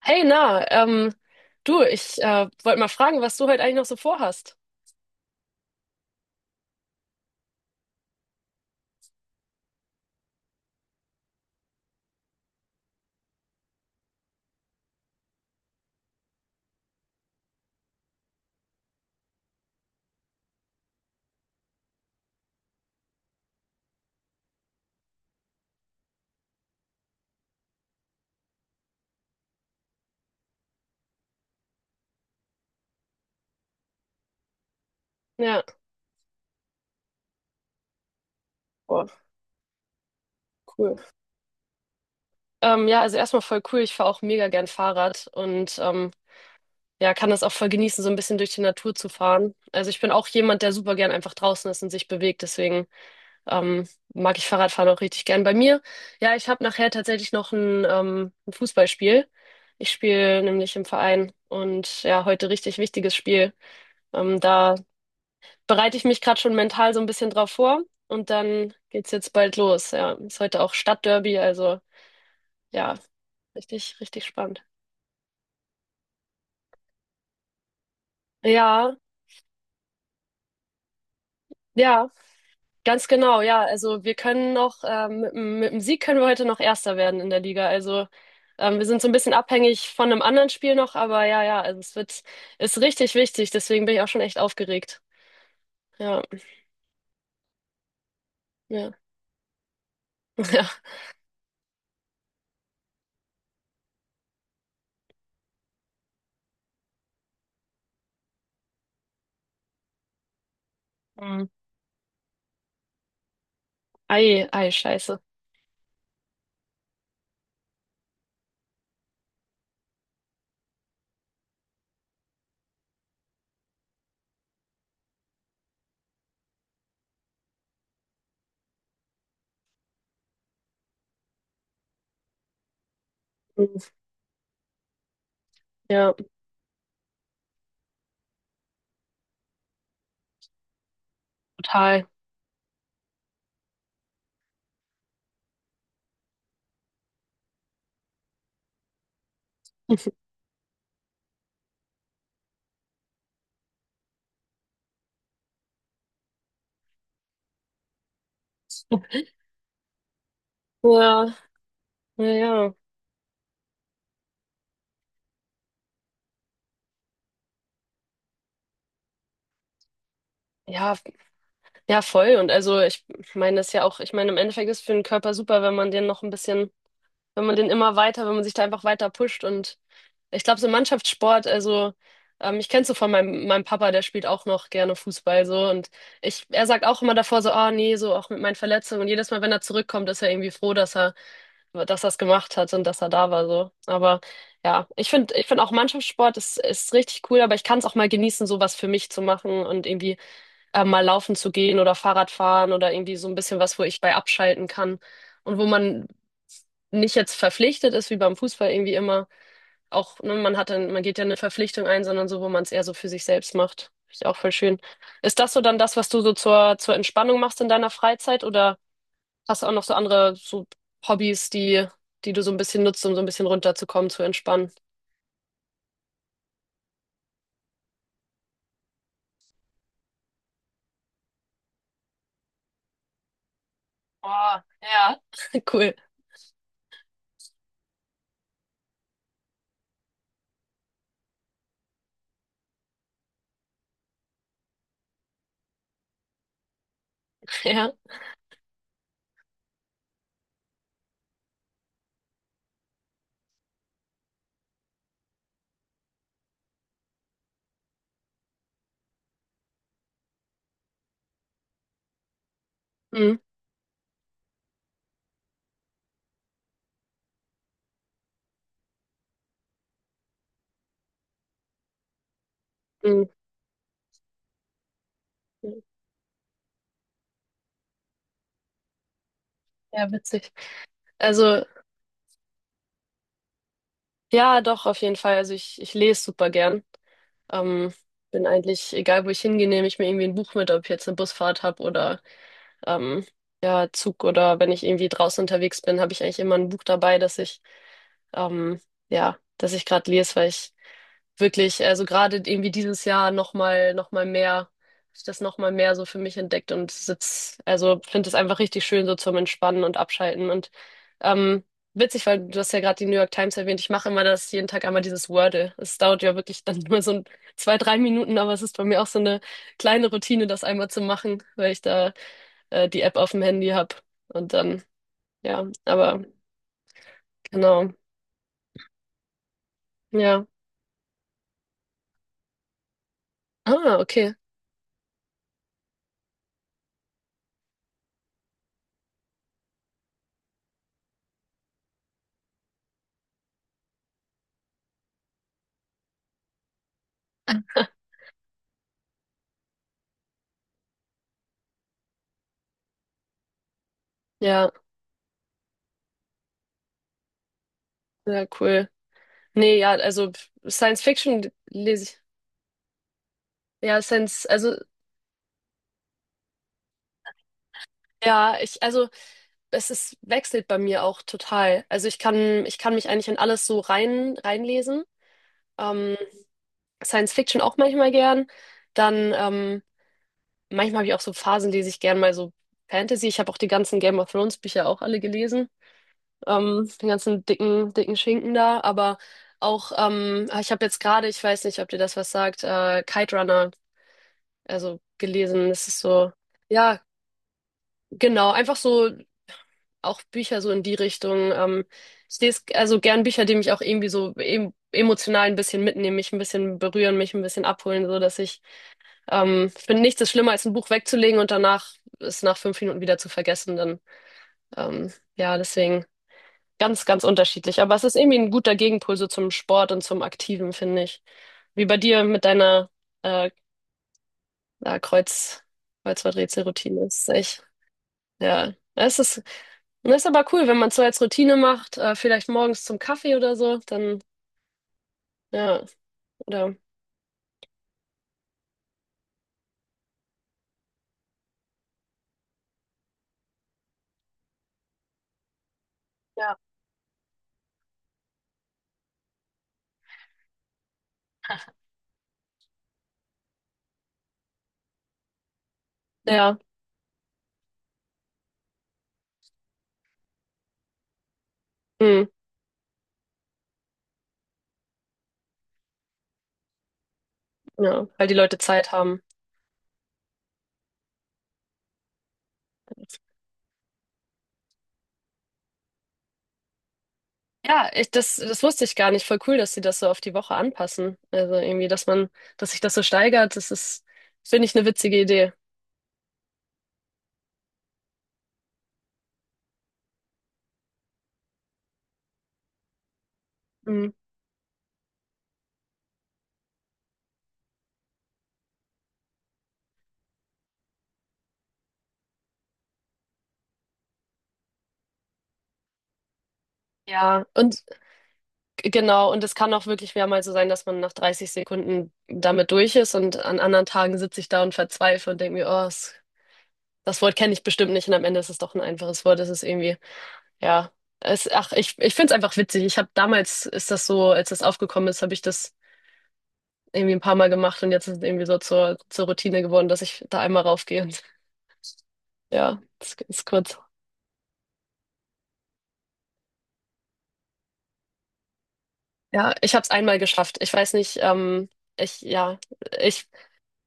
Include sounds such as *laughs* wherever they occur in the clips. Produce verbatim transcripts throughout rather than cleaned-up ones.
Hey, na, ähm, du, ich äh, wollte mal fragen, was du heute eigentlich noch so vorhast. Ja, boah, cool. Ähm, ja, also erstmal voll cool. Ich fahre auch mega gern Fahrrad und ähm, ja, kann das auch voll genießen, so ein bisschen durch die Natur zu fahren. Also ich bin auch jemand, der super gern einfach draußen ist und sich bewegt. Deswegen ähm, mag ich Fahrradfahren auch richtig gern. Bei mir, ja, ich habe nachher tatsächlich noch ein, ähm, ein Fußballspiel. Ich spiele nämlich im Verein und ja, heute richtig wichtiges Spiel. Ähm, da bereite ich mich gerade schon mental so ein bisschen drauf vor und dann geht's jetzt bald los. Ja, ist heute auch Stadtderby, also ja, richtig, richtig spannend. Ja, ja, ganz genau, ja. Also wir können noch, ähm, mit, dem- mit dem Sieg können wir heute noch Erster werden in der Liga. Also ähm, wir sind so ein bisschen abhängig von einem anderen Spiel noch, aber ja, ja, also es wird, ist richtig wichtig, deswegen bin ich auch schon echt aufgeregt. Ja, ja, *laughs* ja. Mhm. Ei, ei, scheiße. Mhm. Ja, total. *laughs* Ja, ja, ja. Ja, Ja, voll. Und also ich meine das ja auch, ich meine, im Endeffekt ist für den Körper super, wenn man den noch ein bisschen, wenn man den immer weiter, wenn man sich da einfach weiter pusht. Und ich glaube, so Mannschaftssport, also ähm, ich kenn's so von meinem, meinem Papa, der spielt auch noch gerne Fußball so. Und ich, er sagt auch immer davor so, ah nee, so auch mit meinen Verletzungen. Und jedes Mal, wenn er zurückkommt, ist er irgendwie froh, dass er, dass er's gemacht hat und dass er da war. So. Aber ja, ich finde, ich finde auch Mannschaftssport ist, ist richtig cool, aber ich kann es auch mal genießen, sowas für mich zu machen und irgendwie äh, mal laufen zu gehen oder Fahrrad fahren oder irgendwie so ein bisschen was, wo ich bei abschalten kann und wo man nicht jetzt verpflichtet ist, wie beim Fußball irgendwie immer. Auch, ne, man hat dann, man geht ja eine Verpflichtung ein, sondern so, wo man es eher so für sich selbst macht. Finde ich auch voll schön. Ist das so dann das, was du so zur, zur Entspannung machst in deiner Freizeit oder hast du auch noch so andere so Hobbys, die, die du so ein bisschen nutzt, um so ein bisschen runterzukommen, zu entspannen? Oh, ja. *laughs* Cool. Ja. Mhm. Mhm. Ja, witzig. Also ja, doch, auf jeden Fall. Also ich, ich lese super gern. Ähm, Bin eigentlich, egal wo ich hingehe, nehme ich mir irgendwie ein Buch mit, ob ich jetzt eine Busfahrt habe oder ähm, ja, Zug oder wenn ich irgendwie draußen unterwegs bin, habe ich eigentlich immer ein Buch dabei, dass ich ähm, ja, dass ich gerade lese, weil ich wirklich, also gerade irgendwie dieses Jahr nochmal, nochmal mehr, hab ich das nochmal mehr so für mich entdeckt und sitz, also finde es einfach richtig schön so zum Entspannen und Abschalten und ähm, witzig, weil du hast ja gerade die New York Times erwähnt, ich mache immer das jeden Tag einmal dieses Wordle. Es dauert ja wirklich dann nur so ein, zwei, drei Minuten, aber es ist bei mir auch so eine kleine Routine, das einmal zu machen, weil ich da äh, die App auf dem Handy habe und dann, ja, aber genau, ja. Ah, okay, ja, sehr cool. Nee, ja, also Science Fiction lese ich. Ja, Science, also ja, ich, also es ist, wechselt bei mir auch total. Also ich kann, ich kann mich eigentlich in alles so rein, reinlesen. Ähm, Science Fiction auch manchmal gern. Dann ähm, manchmal habe ich auch so Phasen, lese ich gern mal so Fantasy. Ich habe auch die ganzen Game of Thrones Bücher auch alle gelesen. Ähm, den ganzen dicken, dicken Schinken da. Aber auch, ähm, ah, ich habe jetzt gerade, ich weiß nicht, ob dir das was sagt, äh, Kite Runner, also gelesen. Das ist so. Ja, genau, einfach so auch Bücher so in die Richtung. Ähm, ich lese also gern Bücher, die mich auch irgendwie so em emotional ein bisschen mitnehmen, mich ein bisschen berühren, mich ein bisschen abholen, so dass ich, ähm, ich finde nichts ist schlimmer als ein Buch wegzulegen und danach es nach fünf Minuten wieder zu vergessen. Dann, ähm, ja, deswegen ganz, ganz unterschiedlich. Aber es ist irgendwie ein guter Gegenpol so zum Sport und zum Aktiven, finde ich. Wie bei dir mit deiner äh, äh, Kreuz, Kreuzworträtselroutine. Das ist echt ja, das ist, das ist aber cool, wenn man es so als Routine macht, äh, vielleicht morgens zum Kaffee oder so, dann, ja, oder, ja, ja, hm, ja, weil die Leute Zeit haben. Ja, ich, das, das wusste ich gar nicht. Voll cool, dass sie das so auf die Woche anpassen. Also irgendwie, dass man, dass sich das so steigert, das ist, finde ich, eine witzige Idee. Mhm. Ja, und g- genau, und es kann auch wirklich mehrmals so sein, dass man nach dreißig Sekunden damit durch ist und an anderen Tagen sitze ich da und verzweifle und denke mir, oh, es das Wort kenne ich bestimmt nicht und am Ende ist es doch ein einfaches Wort. Es ist irgendwie, ja. Es, ach, ich, ich finde es einfach witzig. Ich habe damals, ist das so, als das aufgekommen ist, habe ich das irgendwie ein paar Mal gemacht und jetzt ist es irgendwie so zur, zur Routine geworden, dass ich da einmal raufgehe. Und, *laughs* ja, das ist kurz. Ja, ich habe es einmal geschafft. Ich weiß nicht, ähm, ich, ja, ich,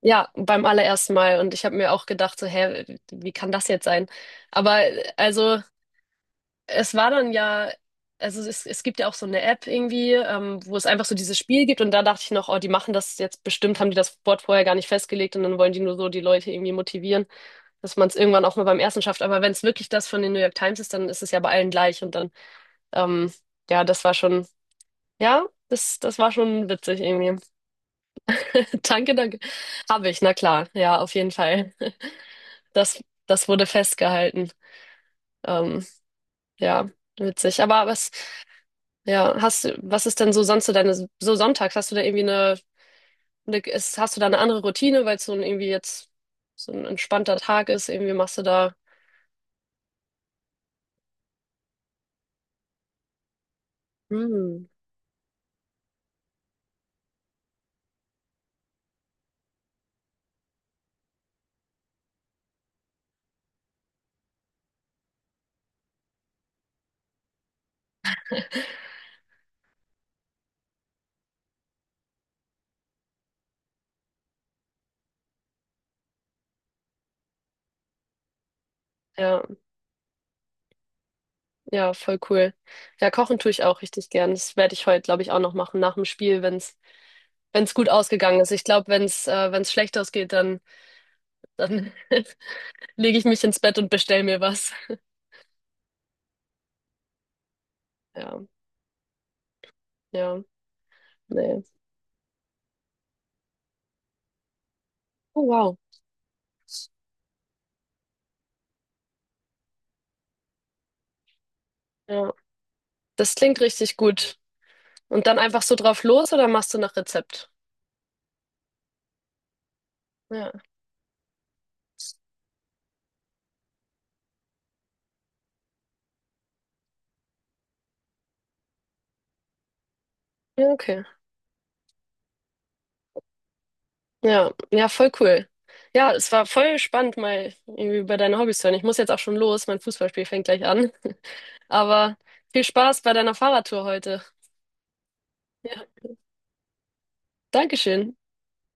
ja, beim allerersten Mal und ich habe mir auch gedacht, so, hä, wie kann das jetzt sein? Aber also. Es war dann ja, also es, es gibt ja auch so eine App irgendwie, ähm, wo es einfach so dieses Spiel gibt und da dachte ich noch, oh, die machen das jetzt bestimmt, haben die das Board vorher gar nicht festgelegt und dann wollen die nur so die Leute irgendwie motivieren, dass man es irgendwann auch mal beim ersten schafft. Aber wenn es wirklich das von den New York Times ist, dann ist es ja bei allen gleich und dann, ähm, ja, das war schon, ja, das, das war schon witzig irgendwie. *laughs* Danke, danke. Habe ich, na klar, ja, auf jeden Fall. Das, das wurde festgehalten. Ähm, ja, witzig. Aber was ja, hast du, was ist denn so sonst so deine, so sonntags, hast du da irgendwie eine, eine ist, hast du da eine andere Routine, weil es so ein irgendwie jetzt so ein entspannter Tag ist, irgendwie machst du da, hm, ja, ja, voll cool. Ja, kochen tue ich auch richtig gern. Das werde ich heute, glaube ich, auch noch machen, nach dem Spiel, wenn's, wenn's gut ausgegangen ist. Ich glaube, wenn's, äh, wenn's schlecht ausgeht, dann, dann *laughs* lege ich mich ins Bett und bestell mir was. Ja, ja, nee. Oh, wow. Ja, das klingt richtig gut. Und dann einfach so drauf los oder machst du nach Rezept? Ja. Ja, okay. Ja, ja, voll cool. Ja, es war voll spannend, mal irgendwie über deine Hobbys zu hören. Ich muss jetzt auch schon los, mein Fußballspiel fängt gleich an. *laughs* Aber viel Spaß bei deiner Fahrradtour heute. Ja, Dankeschön.